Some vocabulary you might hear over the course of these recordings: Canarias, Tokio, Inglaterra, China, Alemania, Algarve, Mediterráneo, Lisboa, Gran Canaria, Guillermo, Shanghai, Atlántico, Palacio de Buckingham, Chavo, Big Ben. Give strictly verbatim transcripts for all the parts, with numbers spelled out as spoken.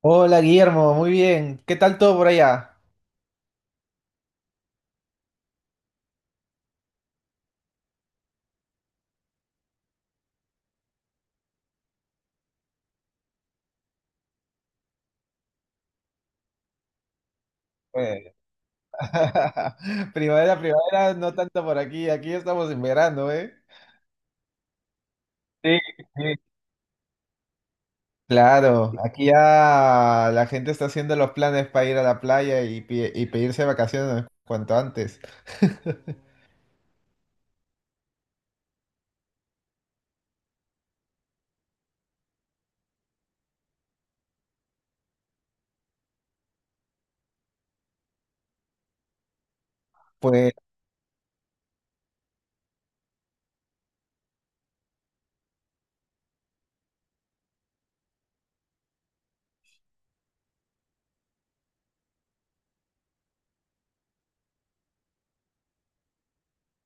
Hola Guillermo, muy bien. ¿Qué tal todo por allá? Eh, Primavera, primavera, no tanto por aquí. Aquí estamos en verano, ¿eh? Sí, sí. Claro, aquí ya la gente está haciendo los planes para ir a la playa y, pi- y pedirse vacaciones cuanto antes. Pues,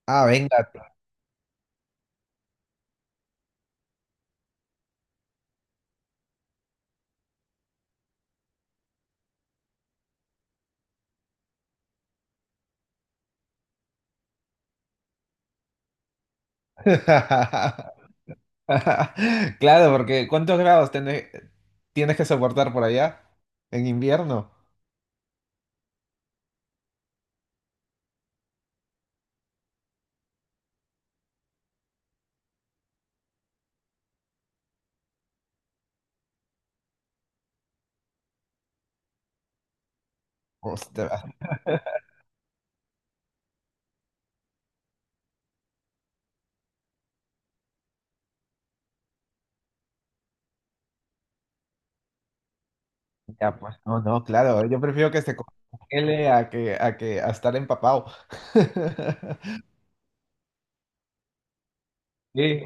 ah, venga. Claro, porque ¿cuántos grados tenés- tienes que soportar por allá en invierno? Hostia, ya, pues, no, no, claro, yo prefiero que se congele a que, a que, a estar empapado. Sí,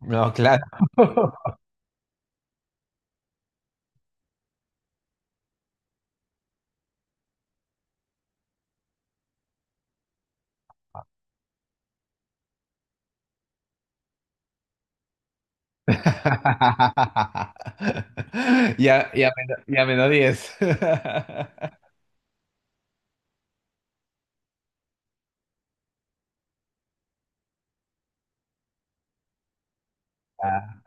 no, claro. Y a, y a, menos, y a menos diez. Ah,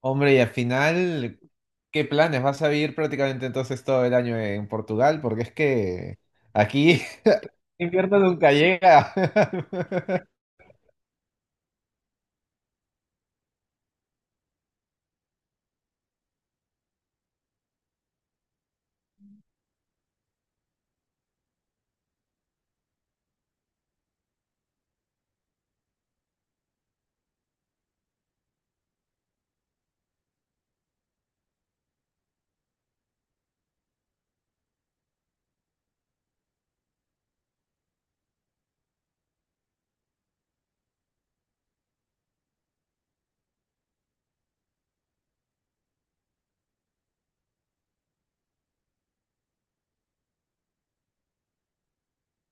hombre, y al final, ¿qué planes? ¿Vas a vivir prácticamente entonces todo el año en Portugal? Porque es que aquí invierno nunca llega.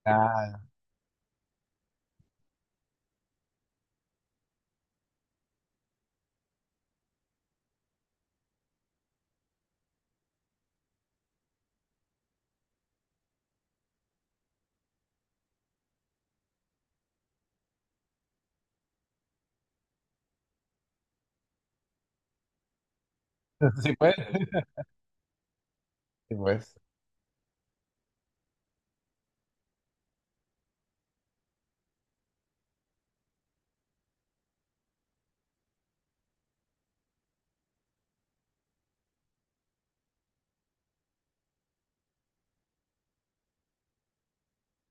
Ah, sí, pues. Sí, pues.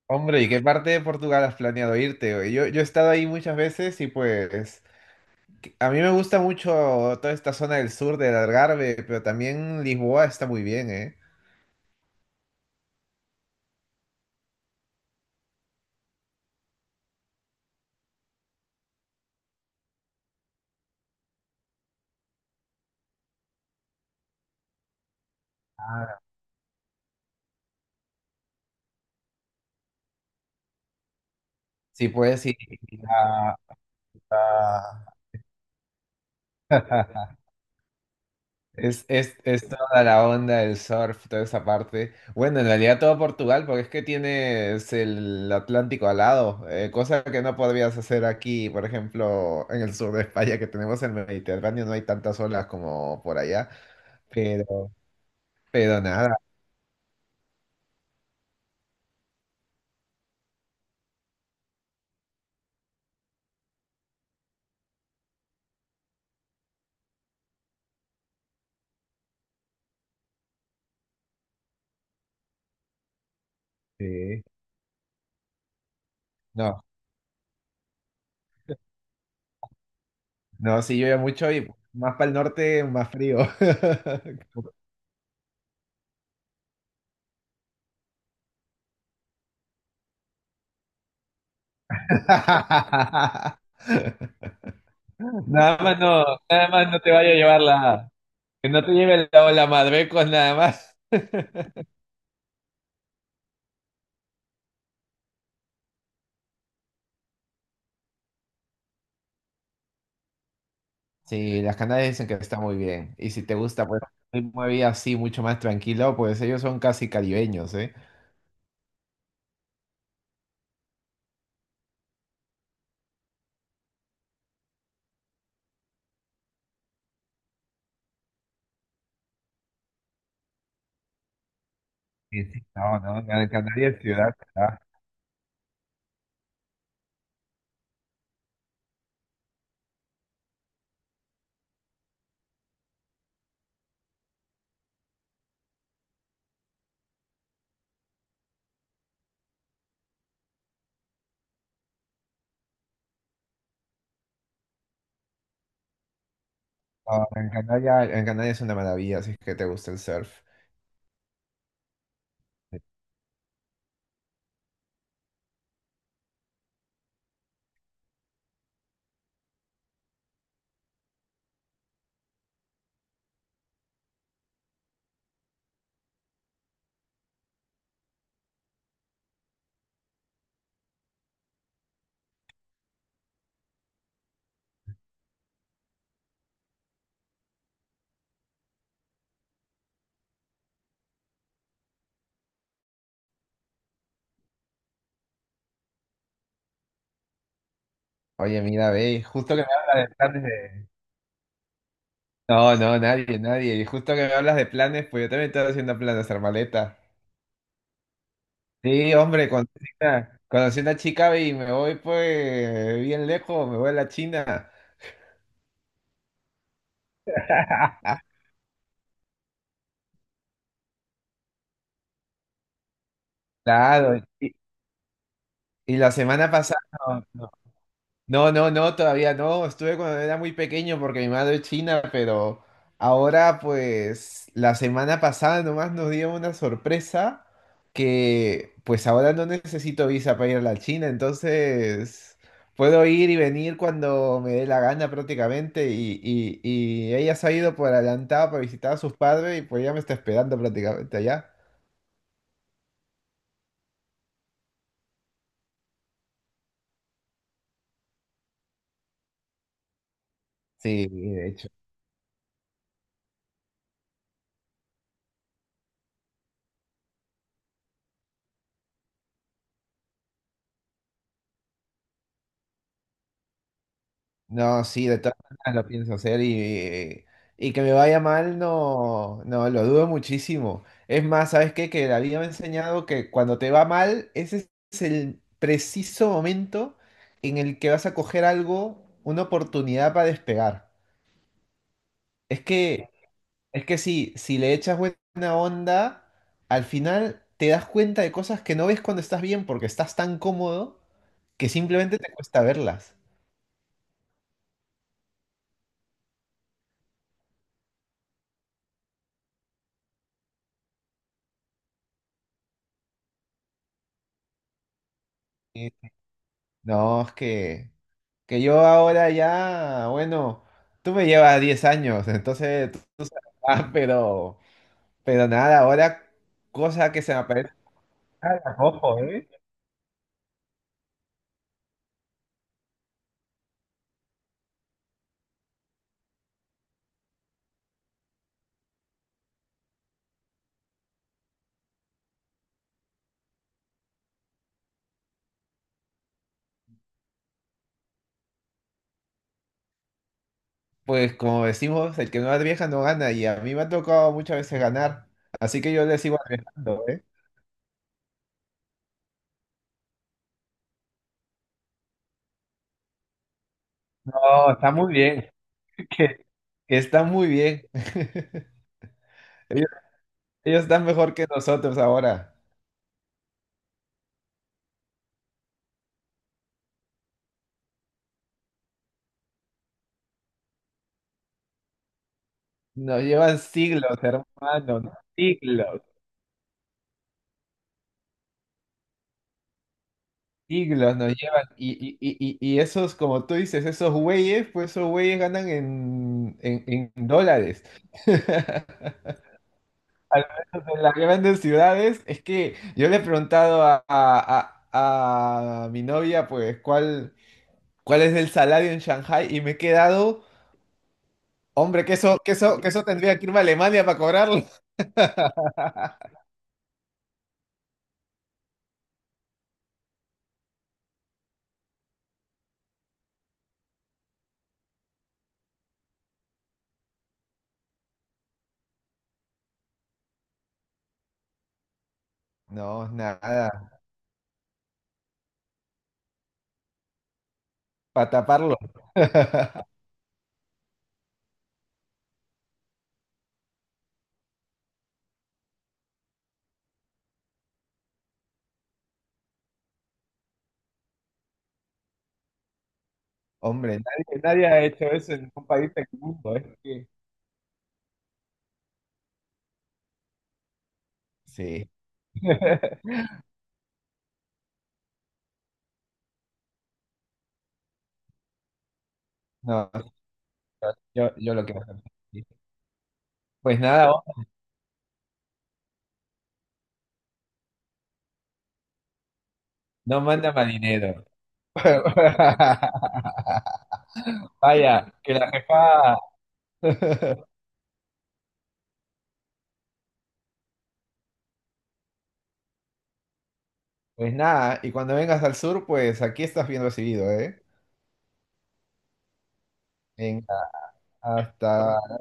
Hombre, ¿y qué parte de Portugal has planeado irte, güey? Yo, yo he estado ahí muchas veces y pues a mí me gusta mucho toda esta zona del sur del Algarve, pero también Lisboa está muy bien, ¿eh? Ah, sí, puedes ir a... a- Es, es, es toda la onda del surf, toda esa parte. Bueno, en realidad todo Portugal, porque es que tienes el Atlántico al lado, eh, cosa que no podrías hacer aquí, por ejemplo, en el sur de España, que tenemos el Mediterráneo, no hay tantas olas como por allá. Pero, pero nada, sí. No, no, sí llueve mucho y más para el norte, más frío. Nada más no, nada más no te vaya a llevar la, que no te lleve la ola Madrecos nada más. Sí, las Canarias dicen que está muy bien. Y si te gusta, pues, una vida así mucho más tranquilo, pues ellos son casi caribeños, ¿eh? Sí, sí, no, no, Gran Canaria es ciudad, ¿verdad? No, Gran Canaria, Gran Canaria es una maravilla, si es que te gusta el surf. Oye, mira, ve, y justo que me hablas de planes de... No, no, nadie, nadie. Y justo que me hablas de planes, pues yo también estoy haciendo planes de hacer maleta. Sí, hombre, conocí una, conocí una chica ve, y me voy pues bien lejos, me voy a la China. Claro, y, y la semana pasada... No, no, no, todavía no. Estuve cuando era muy pequeño porque mi madre es china, pero ahora pues la semana pasada nomás nos dio una sorpresa que pues ahora no necesito visa para ir a la China, entonces puedo ir y venir cuando me dé la gana prácticamente y, y, y ella se ha ido por adelantado para visitar a sus padres y pues ya me está esperando prácticamente allá. Sí, de no, sí, de todas maneras lo pienso hacer y, y que me vaya mal, no, no, lo dudo muchísimo. Es más, ¿sabes qué? Que la vida me ha enseñado que cuando te va mal, ese es el preciso momento en el que vas a coger algo, una oportunidad para despegar. Es que, es que sí, si le echas buena onda, al final te das cuenta de cosas que no ves cuando estás bien porque estás tan cómodo que simplemente te cuesta verlas. Y- No, es que... Que yo ahora ya, bueno, tú me llevas diez años, entonces tú, tú sabes más, pero, pero nada, ahora cosa que se me aparece a ojo, ¿eh? Pues como decimos, el que no arriesga no gana, y a mí me ha tocado muchas veces ganar, así que yo le sigo arriesgando, ¿eh? No, está muy bien, que, que está muy bien. Ellos, ellos están mejor que nosotros ahora. Nos llevan siglos, hermano, ¿no? Siglos. Siglos nos llevan y, y, y, y y esos, como tú dices, esos güeyes, pues esos güeyes ganan en, en, en dólares. Al menos en las grandes ciudades, es que yo le he preguntado a, a- a- a mi novia, pues, cuál, cuál es el salario en Shanghai y me he quedado, hombre, que eso, que eso, que eso tendría que irme a Alemania para cobrarlo. No, nada, para taparlo. Hombre, nadie, nadie ha hecho eso en un país del mundo, es que... Sí. No, yo, yo, yo lo que voy a hacer. Pues nada, no manda más dinero. Vaya, que la jefa. Pues nada, y cuando vengas al sur, pues aquí estás bien recibido, ¿eh? Venga, hasta.